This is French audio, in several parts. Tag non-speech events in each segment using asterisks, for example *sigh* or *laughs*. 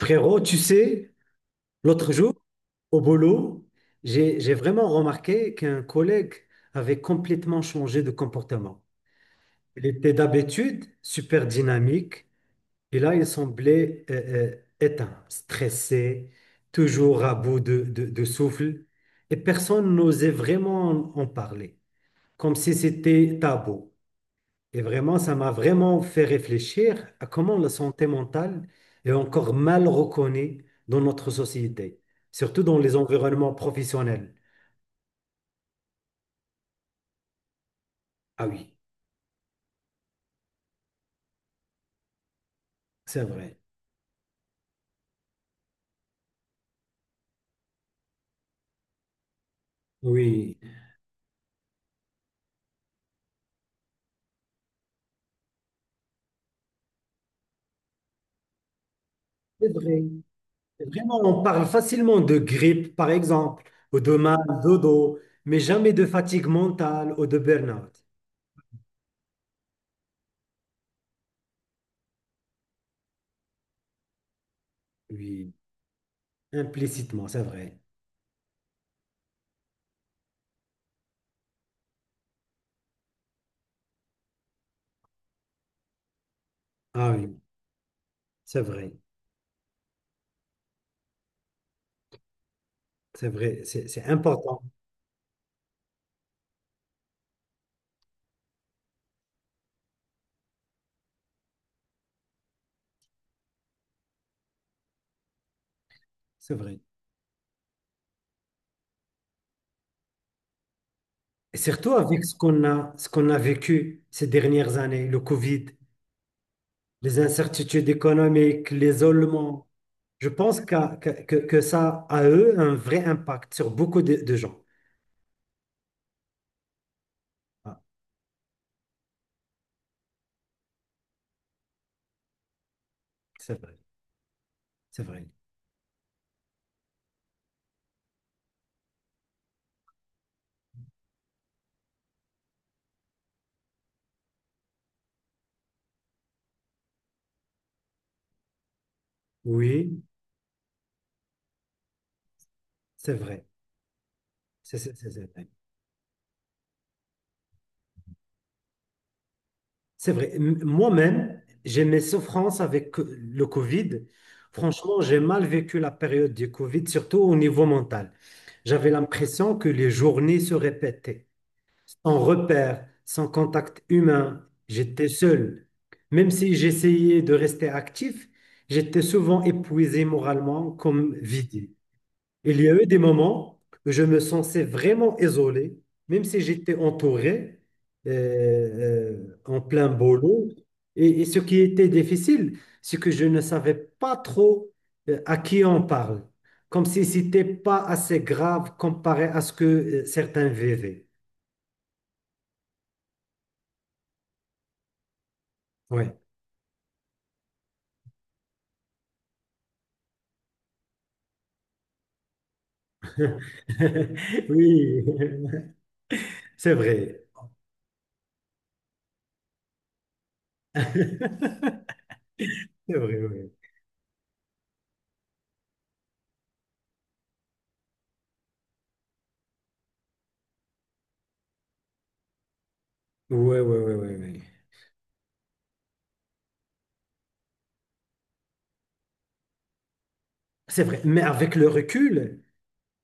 Frérot, tu sais, l'autre jour, au boulot, j'ai vraiment remarqué qu'un collègue avait complètement changé de comportement. Il était d'habitude super dynamique et là, il semblait éteint, stressé, toujours à bout de souffle et personne n'osait vraiment en parler, comme si c'était tabou. Et vraiment, ça m'a vraiment fait réfléchir à comment la santé mentale est encore mal reconnue dans notre société, surtout dans les environnements professionnels. Ah oui, c'est vrai. Oui, c'est vrai. Vraiment, on parle facilement de grippe, par exemple, ou de mal de dos, mais jamais de fatigue mentale ou de burn-out. Oui, implicitement, c'est vrai. Ah oui, c'est vrai. C'est vrai, c'est important. C'est vrai. Et surtout avec ce qu'on a vécu ces dernières années, le Covid, les incertitudes économiques, l'isolement. Je pense que ça a, eux, un vrai impact sur beaucoup de gens. Ah, c'est vrai, c'est vrai. Oui, c'est vrai. C'est vrai. C'est vrai. Moi-même, j'ai mes souffrances avec le Covid. Franchement, j'ai mal vécu la période du Covid, surtout au niveau mental. J'avais l'impression que les journées se répétaient, sans repère, sans contact humain. J'étais seul. Même si j'essayais de rester actif, j'étais souvent épuisé moralement comme vidé. Il y a eu des moments où je me sentais vraiment isolé, même si j'étais entouré euh, en plein boulot. Et ce qui était difficile, c'est que je ne savais pas trop, à qui on parle, comme si c'était pas assez grave comparé à ce que certains vivaient. Oui. *laughs* Oui, c'est vrai. *laughs* C'est vrai, oui. Ouais, ouais, ouais, ouais, ouais. C'est vrai. Mais avec le recul,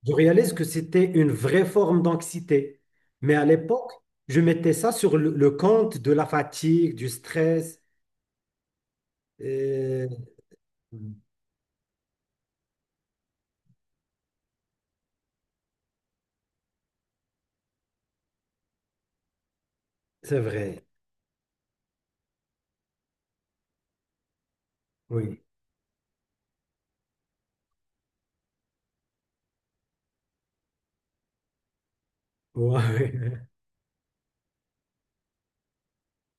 je réalise que c'était une vraie forme d'anxiété. Mais à l'époque, je mettais ça sur le compte de la fatigue, du stress. Euh, C'est vrai, oui. Ouais, *laughs* ouais.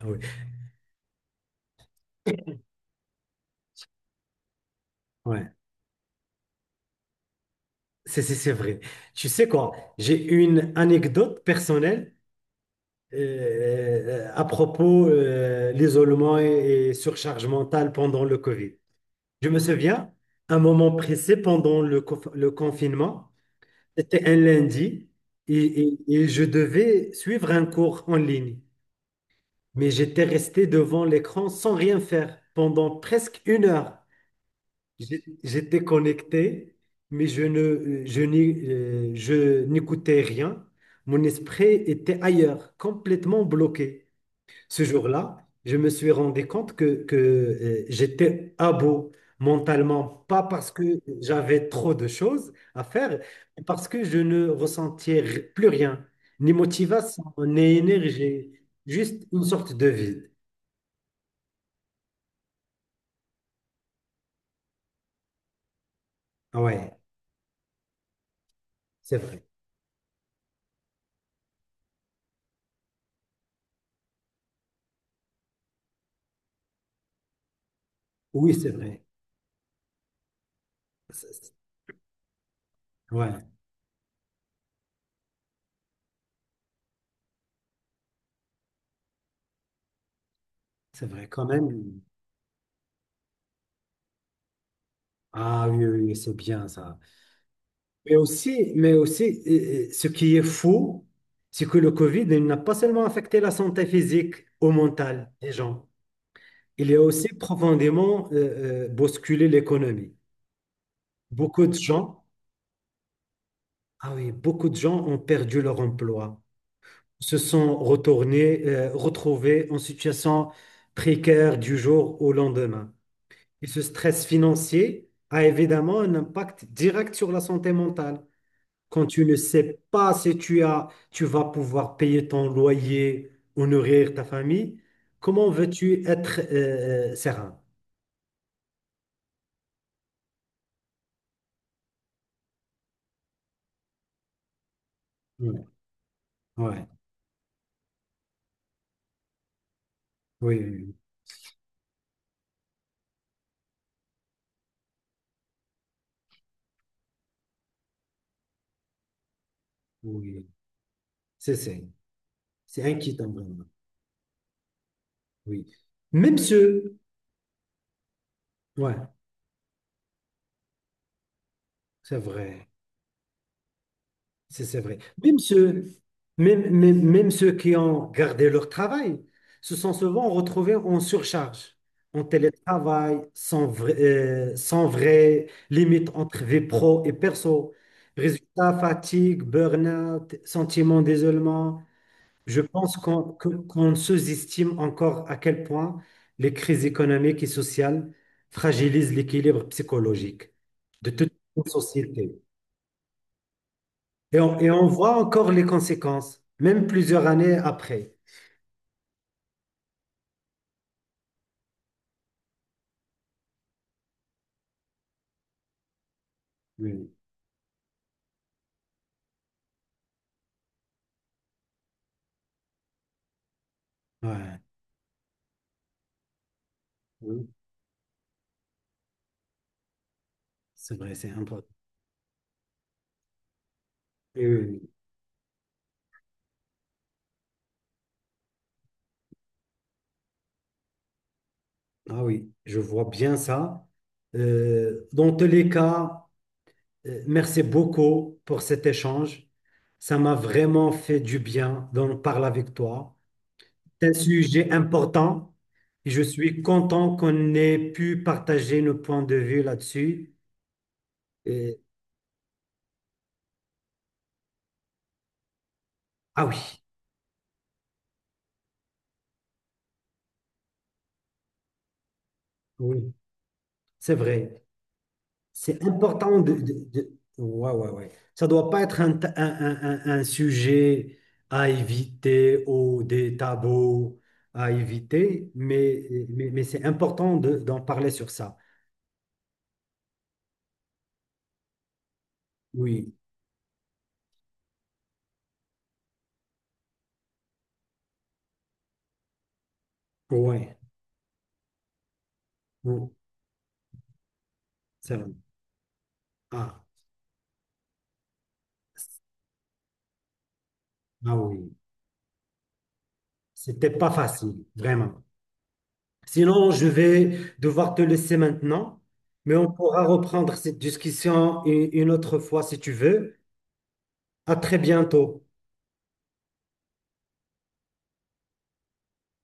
Ah oui. Ouais, c'est vrai. Tu sais quoi, j'ai une anecdote personnelle à propos l'isolement et surcharge mentale pendant le Covid. Je me souviens, un moment précis pendant le confinement, c'était un lundi et je devais suivre un cours en ligne. Mais j'étais resté devant l'écran sans rien faire pendant presque une heure. J'étais connecté, mais je n'écoutais rien. Mon esprit était ailleurs, complètement bloqué. Ce jour-là, je me suis rendu compte j'étais à bout mentalement, pas parce que j'avais trop de choses à faire, mais parce que je ne ressentais plus rien, ni motivation, ni énergie, juste une sorte de vide. Ah ouais, c'est vrai. Oui, c'est vrai. C'est- c'est- Ouais, c'est vrai quand même. Ah oui, oui, oui, c'est bien ça. Mais aussi, ce qui est fou, c'est que le Covid, il n'a pas seulement affecté la santé physique ou mentale des gens, il a aussi profondément bousculé l'économie. Beaucoup de gens, ah oui, beaucoup de gens ont perdu leur emploi, se sont retrouvés en situation précaire du jour au lendemain. Et ce stress financier a évidemment un impact direct sur la santé mentale. Quand tu ne sais pas si tu vas pouvoir payer ton loyer ou nourrir ta famille, comment veux-tu être serein? Ouais, ouais, oui, oui, oui. C'est, c'est, c'est inquiétant vraiment. Oui. Même ceux, ouais, c'est vrai. C'est vrai. Même ceux, même ceux qui ont gardé leur travail se sont souvent retrouvés en surcharge, en télétravail, sans vrai, sans vrai limite entre vie pro et perso. Résultat, fatigue, burn-out, sentiment d'isolement. Je pense qu'on sous-estime encore à quel point les crises économiques et sociales fragilisent l'équilibre psychologique de toute une société. Et on voit encore les conséquences, même plusieurs années après. Oui, oui, ouais, oui, c'est vrai, c'est important. Oui, oui, oui. Ah oui, je vois bien ça. Dans tous les cas, merci beaucoup pour cet échange. Ça m'a vraiment fait du bien d'en parler avec toi. C'est un sujet important et je suis content qu'on ait pu partager nos points de vue là-dessus. Et- ah oui, oui, c'est vrai. C'est important Ouais, ouais, ouais. Ça doit pas être un, ta- un sujet à éviter ou des tabous à éviter, mais c'est important d'en parler sur ça. Oui, ouais, bon, c'est vrai. Ah, ah oui, c'était pas facile, vraiment. Sinon, je vais devoir te laisser maintenant, mais on pourra reprendre cette discussion une autre fois si tu veux. À très bientôt.